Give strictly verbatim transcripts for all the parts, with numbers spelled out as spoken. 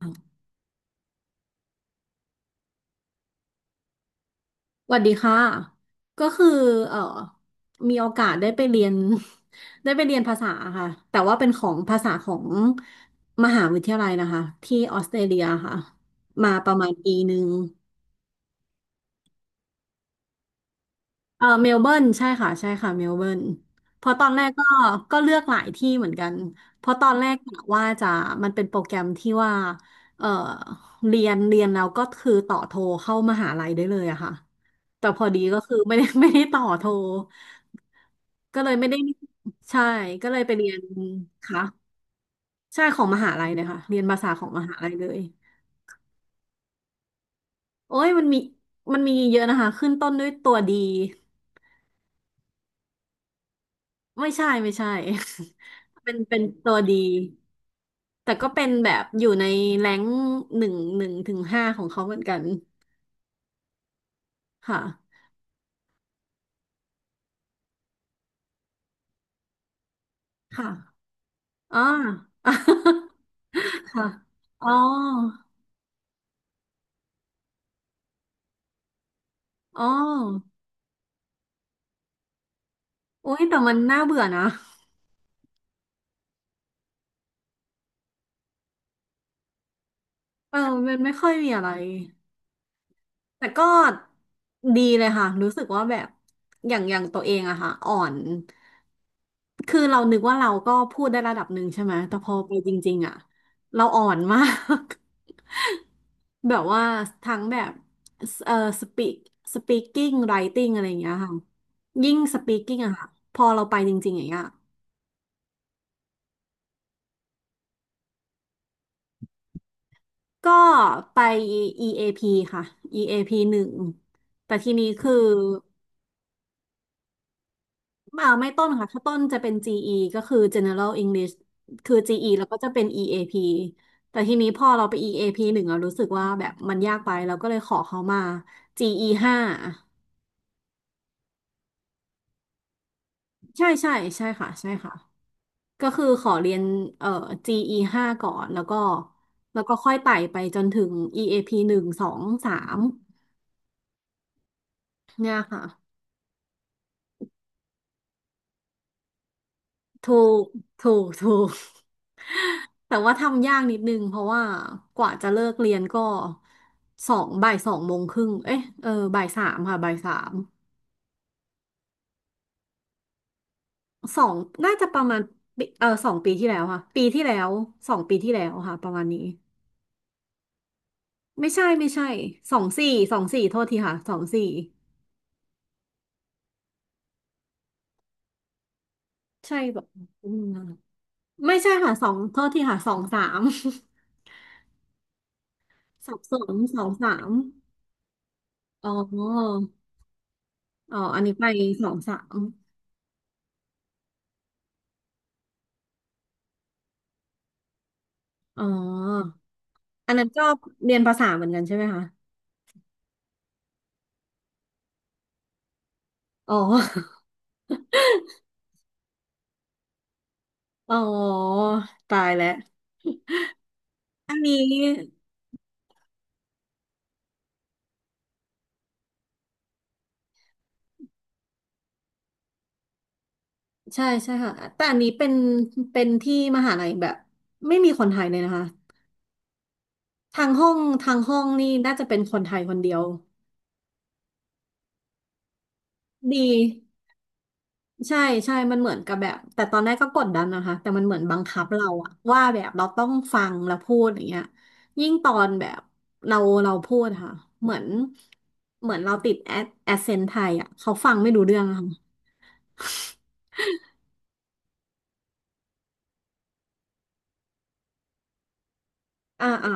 สวัสดีค่ะ ก็คือเอ่อมีโอกาสได้ไปเรียน ได้ไปเรียนภาษาค่ะแต่ว่าเป็นของภาษาของมหาวิทยาลัยนะคะที่ออสเตรเลียค่ะมาประมาณปีหนึ่ง เออเมลเบิร์นใช่ค่ะใช่ค่ะเมลเบิร์นเพอตอนแรกก็ก็เลือกหลายที่เหมือนกันเพราะตอนแรกกะว่าจะมันเป็นโปรแกรมที่ว่าเออเรียนเรียนแล้วก็คือต่อโทรเข้ามหาลัยได้เลยอะค่ะแต่พอดีก็คือไม่ได้ ไม่ได้ต่อโทรก็เลยไม่ได้ใช่ก็เลยไปเรียนค่ะใช่ของมหาลัยเลยค่ะเรียนภาษาของมหาลัยเลยโอ้ยมันมีมันมีเยอะนะคะขึ้นต้นด้วยตัวดี ไม่ใช่ไม่ใช่ เป็นเป็นตัวดี แต่ก็เป็นแบบอยู่ในแรงหนึ่งหนึ่งถึงห้าของเขาเหมือนกันค่ะค่ะอ๋อ ค่ะอ๋ออ๋ออุ้ยแต่มันน่าเบื่อนะเออมันไม่ค่อยมีอะไร แต่ก็ดีเลยค่ะรู้สึกว่าแบบอย่างอย่างตัวเองอะค่ะอ่อนคือเรานึกว่าเราก็พูดได้ระดับหนึ่งใช่ไหมแต่พอไปจริงๆอะเราอ่อนมาก แบบว่าทั้งแบบเอ่อสปีกสปีกิ้งไรติ้งอะไรอย่างเงี้ยค่ะยิ่งสปีกิ้งอะค่ะพอเราไปจริงๆอย่างเงี้ยก็ไป อี เอ พี ค่ะ อี เอ พี หนึ่งแต่ทีนี้คือ อ่าไม่ต้นค่ะ ถ้าต้นจะเป็น จี อี ก็คือ General English คือ จี อี แล้วก็จะเป็น อี เอ พี แต่ทีนี้พอเราไป อี เอ พี หนึ่งเรารู้สึกว่าแบบมันยากไปเราก็เลยขอเขามา จี อี ห้าใช่ใช่ใช่ค่ะใช่ค่ะ ก็คือขอเรียนเอ่อ จี อี ห้าก่อนแล้วก็แล้วก็ค่อยไต่ไปจนถึง อี เอ พี หนึ่งสองสามเนี่ยค่ะ ถูกถูกถูก แต่ว่าทำยากนิดนึงเพราะว่ากว่าจะเลิกเรียนก็สองบ่ายสองโมงครึ่งเอ๊ะเออบ่ายสามค่ะบ่ายสามสองน่าจะประมาณปีเออสองปีที่แล้วค่ะปีที่แล้วสองปีที่แล้วค่ะประมาณนี้ไม่ใช่ไม่ใช่สองสี่สองสี่โทษทีค่ะสองสี่ใช่แบบอืมไม่ใช่ค่ะสองโทษทีค่ะสองสาม สับสนสองสามอ๋ออ๋ออันนี้ไปสองสาม อ๋ออันนั้นก็เรียนภาษาเหมือนกันใช่ไหมคะอ๋ออ๋อ ตายแล้ว อันนี้ใช่ใช่ค่ะ แต่อันนี้เป็นเป็นที่มหาลัยแบบไม่มีคนไทยเลยนะคะทางห้องทางห้องนี่น่าจะเป็นคนไทยคนเดียวดี ใช่ใช่มันเหมือนกับแบบ แต่ตอนแรกก็กดดันนะคะแต่มันเหมือนบังคับเราอะว่าแบบเราต้องฟังแล้วพูดอย่างเงี้ยยิ่งตอนแบบเราเราพูดอะค่ะเหมือนเหมือนเราติดแอดแอเซนไทยอะเขาฟังไม่รู้เรื่องอะค่ะอ่าอ่า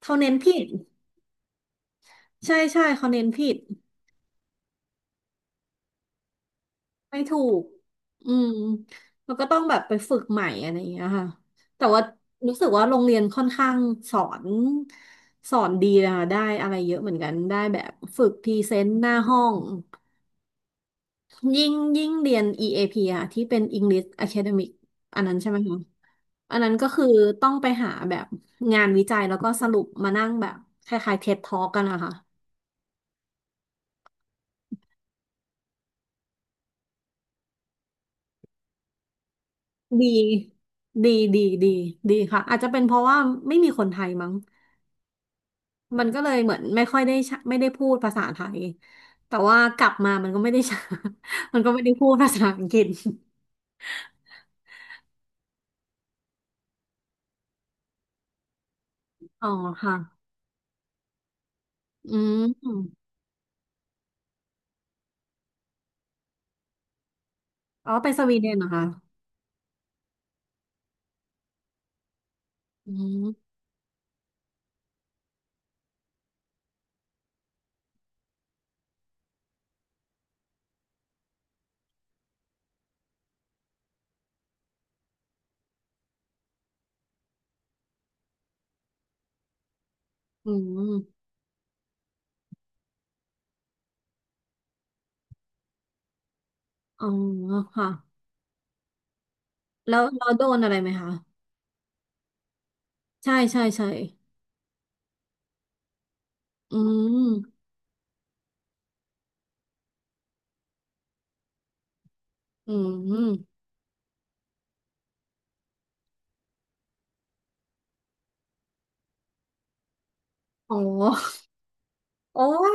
เขาเน้นผิด ใช่ใช่เขาเน้นผิด ไม่ถูกอืมแล้วก็ต้องแบบไปฝึกใหม่อะไรอย่างเงี้ยค่ะแต่ว่ารู้สึกว่าโรงเรียนค่อนข้างสอนสอนดีนะคะได้อะไรเยอะเหมือนกัน ได้แบบฝึกพรีเซนต์หน้าห้อง ยิ่งยิ่งเรียน อี เอ พี อพีอะที่เป็น English Academic อันนั้นใช่ไหมคะอันนั้นก็คือต้องไปหาแบบงานวิจัยแล้วก็สรุปมานั่งแบบคล้ายๆ เท็ด Talk กันนะคะดีดีดีดีดีค่ะ อาจจะเป็นเพราะว่าไม่มีคนไทยมั้ง มันก็เลยเหมือนไม่ค่อยได้ใช้ไม่ได้พูดภาษาไทยแต่ว่ากลับมามันก็ไม่ได้ใช้ มันก็ไม่ได้พูดภาษาอังกฤษอ๋อค่ะอืมอ๋อไปสวีเดนเหรอคะอืมอืมอ๋อค่ะแล้วเราโดนอะไรไหมคะใช่ใช่ใช่อืมอืมอ๋อโอ้ย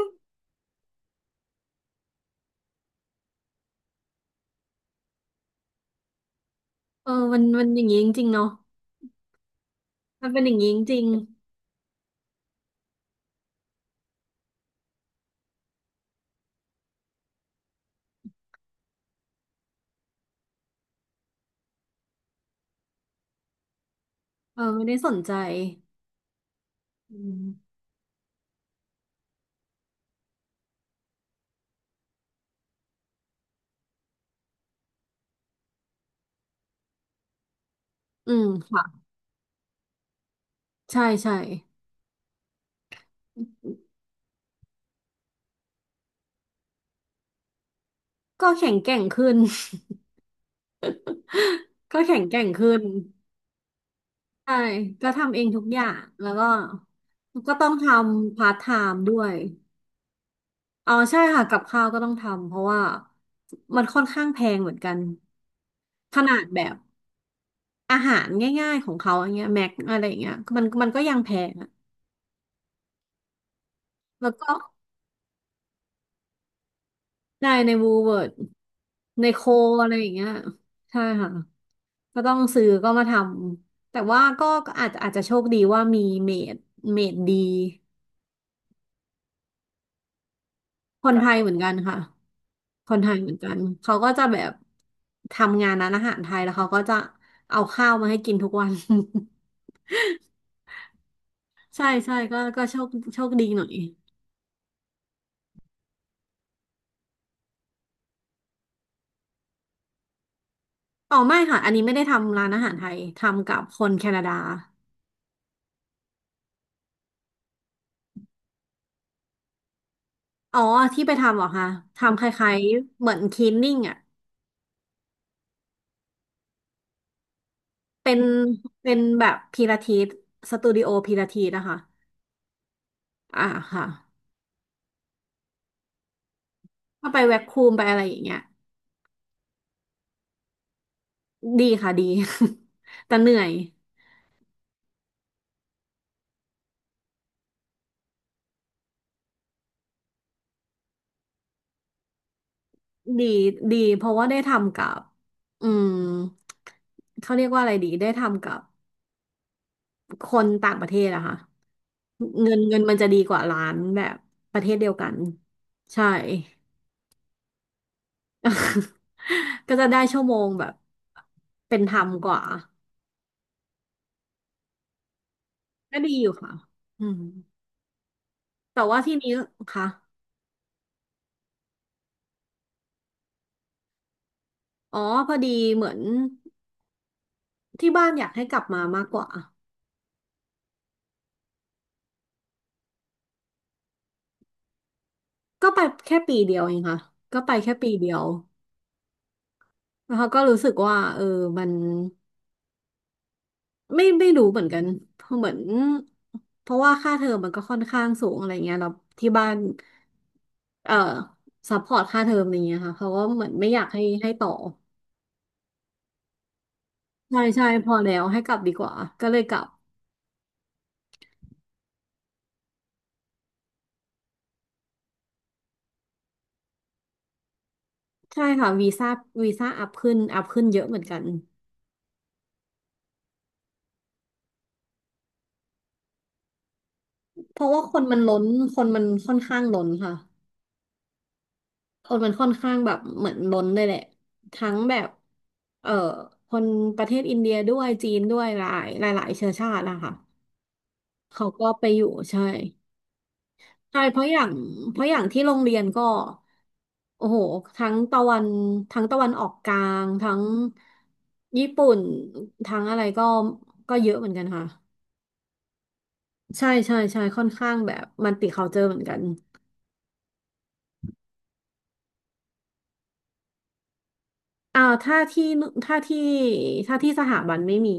เออมันมันอย่างนี้จริงๆเนาะมันเป็นอย่างนี้จริงๆเออไม่ได้สนใจอืมอืมค่ะใช่ใช่ก็แข็งแกร่งขึ้น ก็แข็งแกร่งขึ้นใช่ก็ทำเองทุกอย่างแล้วก็ก็ต้องทำพาร์ทไทม์ด้วยอ๋อใช่ค่ะกับข้าวก็ต้องทำเพราะว่ามันค่อนข้างแพงเหมือนกันขนาดแบบอาหารง่ายๆของเขาอย่างเงี้ยแม็กอะไรอย่างเงี้ยมันมันก็ยังแพงอะแล้วก็ได้ในวูเวิร์ดในโคอะไรอย่างเงี้ยใช่ค่ะก็ต้องซื้อก็มาทำแต่ว่าก็ก็อาจจะอาจจะโชคดีว่ามีเมดเมดดีคนไทยเหมือนกันค่ะ คนไทยเหมือนกันเขาก็จะแบบทำงานร้านอาหารไทยแล้วเขาก็จะเอาข้าวมาให้กินทุกวัน ใช่ใช่ก็ก็โชคโชคดีหน่อยอ๋อไม่ค่ะอันนี้ไม่ได้ทำร้านอาหารไทยทำกับคนแคนาดาอ๋อที่ไปทำเหรอคะทำคล้ายๆเหมือนคลีนนิ่งอ่ะเป็นเป็นแบบพิลาทิสสตูดิโอพิลาทิสนะคะอ่าค่ะก็ไปแวคคูมไปอะไรอย่างเงี้ยดีค่ะดี แต่เหนื่อย ดีดีเพราะว่าได้ทำกับอืมเขาเรียกว่าอะไรดีได้ทำกับคนต่างประเทศอะค่ะเงินเงินมันจะดีกว่าร้านแบบประเทศเดียวกันใช่ ก็จะได้ชั่วโมงแบบเป็นธรรมกว่าก็ดีอยู่ค่ะอืมแต่ว่าที่นี้ค่ะอ๋อพอดีเหมือนที่บ้านอยากให้กลับมามากกว่าก็ไปแค่ปีเดียวเองค่ะก็ไปแค่ปีเดียวแล้วเขาก็รู้สึกว่าเออมัน ไม่ไม่รู้เหมือนกันเพราะเหมือนเพราะว่าค่าเทอมมันก็ค่อนข้างสูงอะไรเงี้ยเราที่บ้านเอ่อซัพพอร์ตค่าเทอมอะไรเงี้ยค่ะเขาก็เหมือนไม่อยากให้ให้ต่อใช่ใช่พอแล้วให้กลับดีกว่าก็เลยกลับใช่ค่ะวีซ่าวีซ่าอัพขึ้นอัพขึ้นเยอะเหมือนกันเพราะว่าคนมันล้นคนมันค่อนข้างล้นค่ะคนมันค่อนข้างแบบเหมือนล้นเลยแหละทั้งแบบเอ่อคนประเทศอินเดียด้วยจีนด้วยหลายหลายหลายเชื้อชาตินะคะเขาก็ไปอยู่ใช่ ใช่เพราะอย่างเพราะอย่างที่โรงเรียนก็โอ้โหทั้งตะวันทั้งตะวันออกกลางทั้งญี่ปุ่นทั้งอะไรก็ก็เยอะเหมือนกันค่ะใช่ใช่ใช่ค่อนข้างแบบมันติเขาเจอเหมือนกันอ่าถ้าที่ถ้าที่ถ้าที่สถาบันไม่มี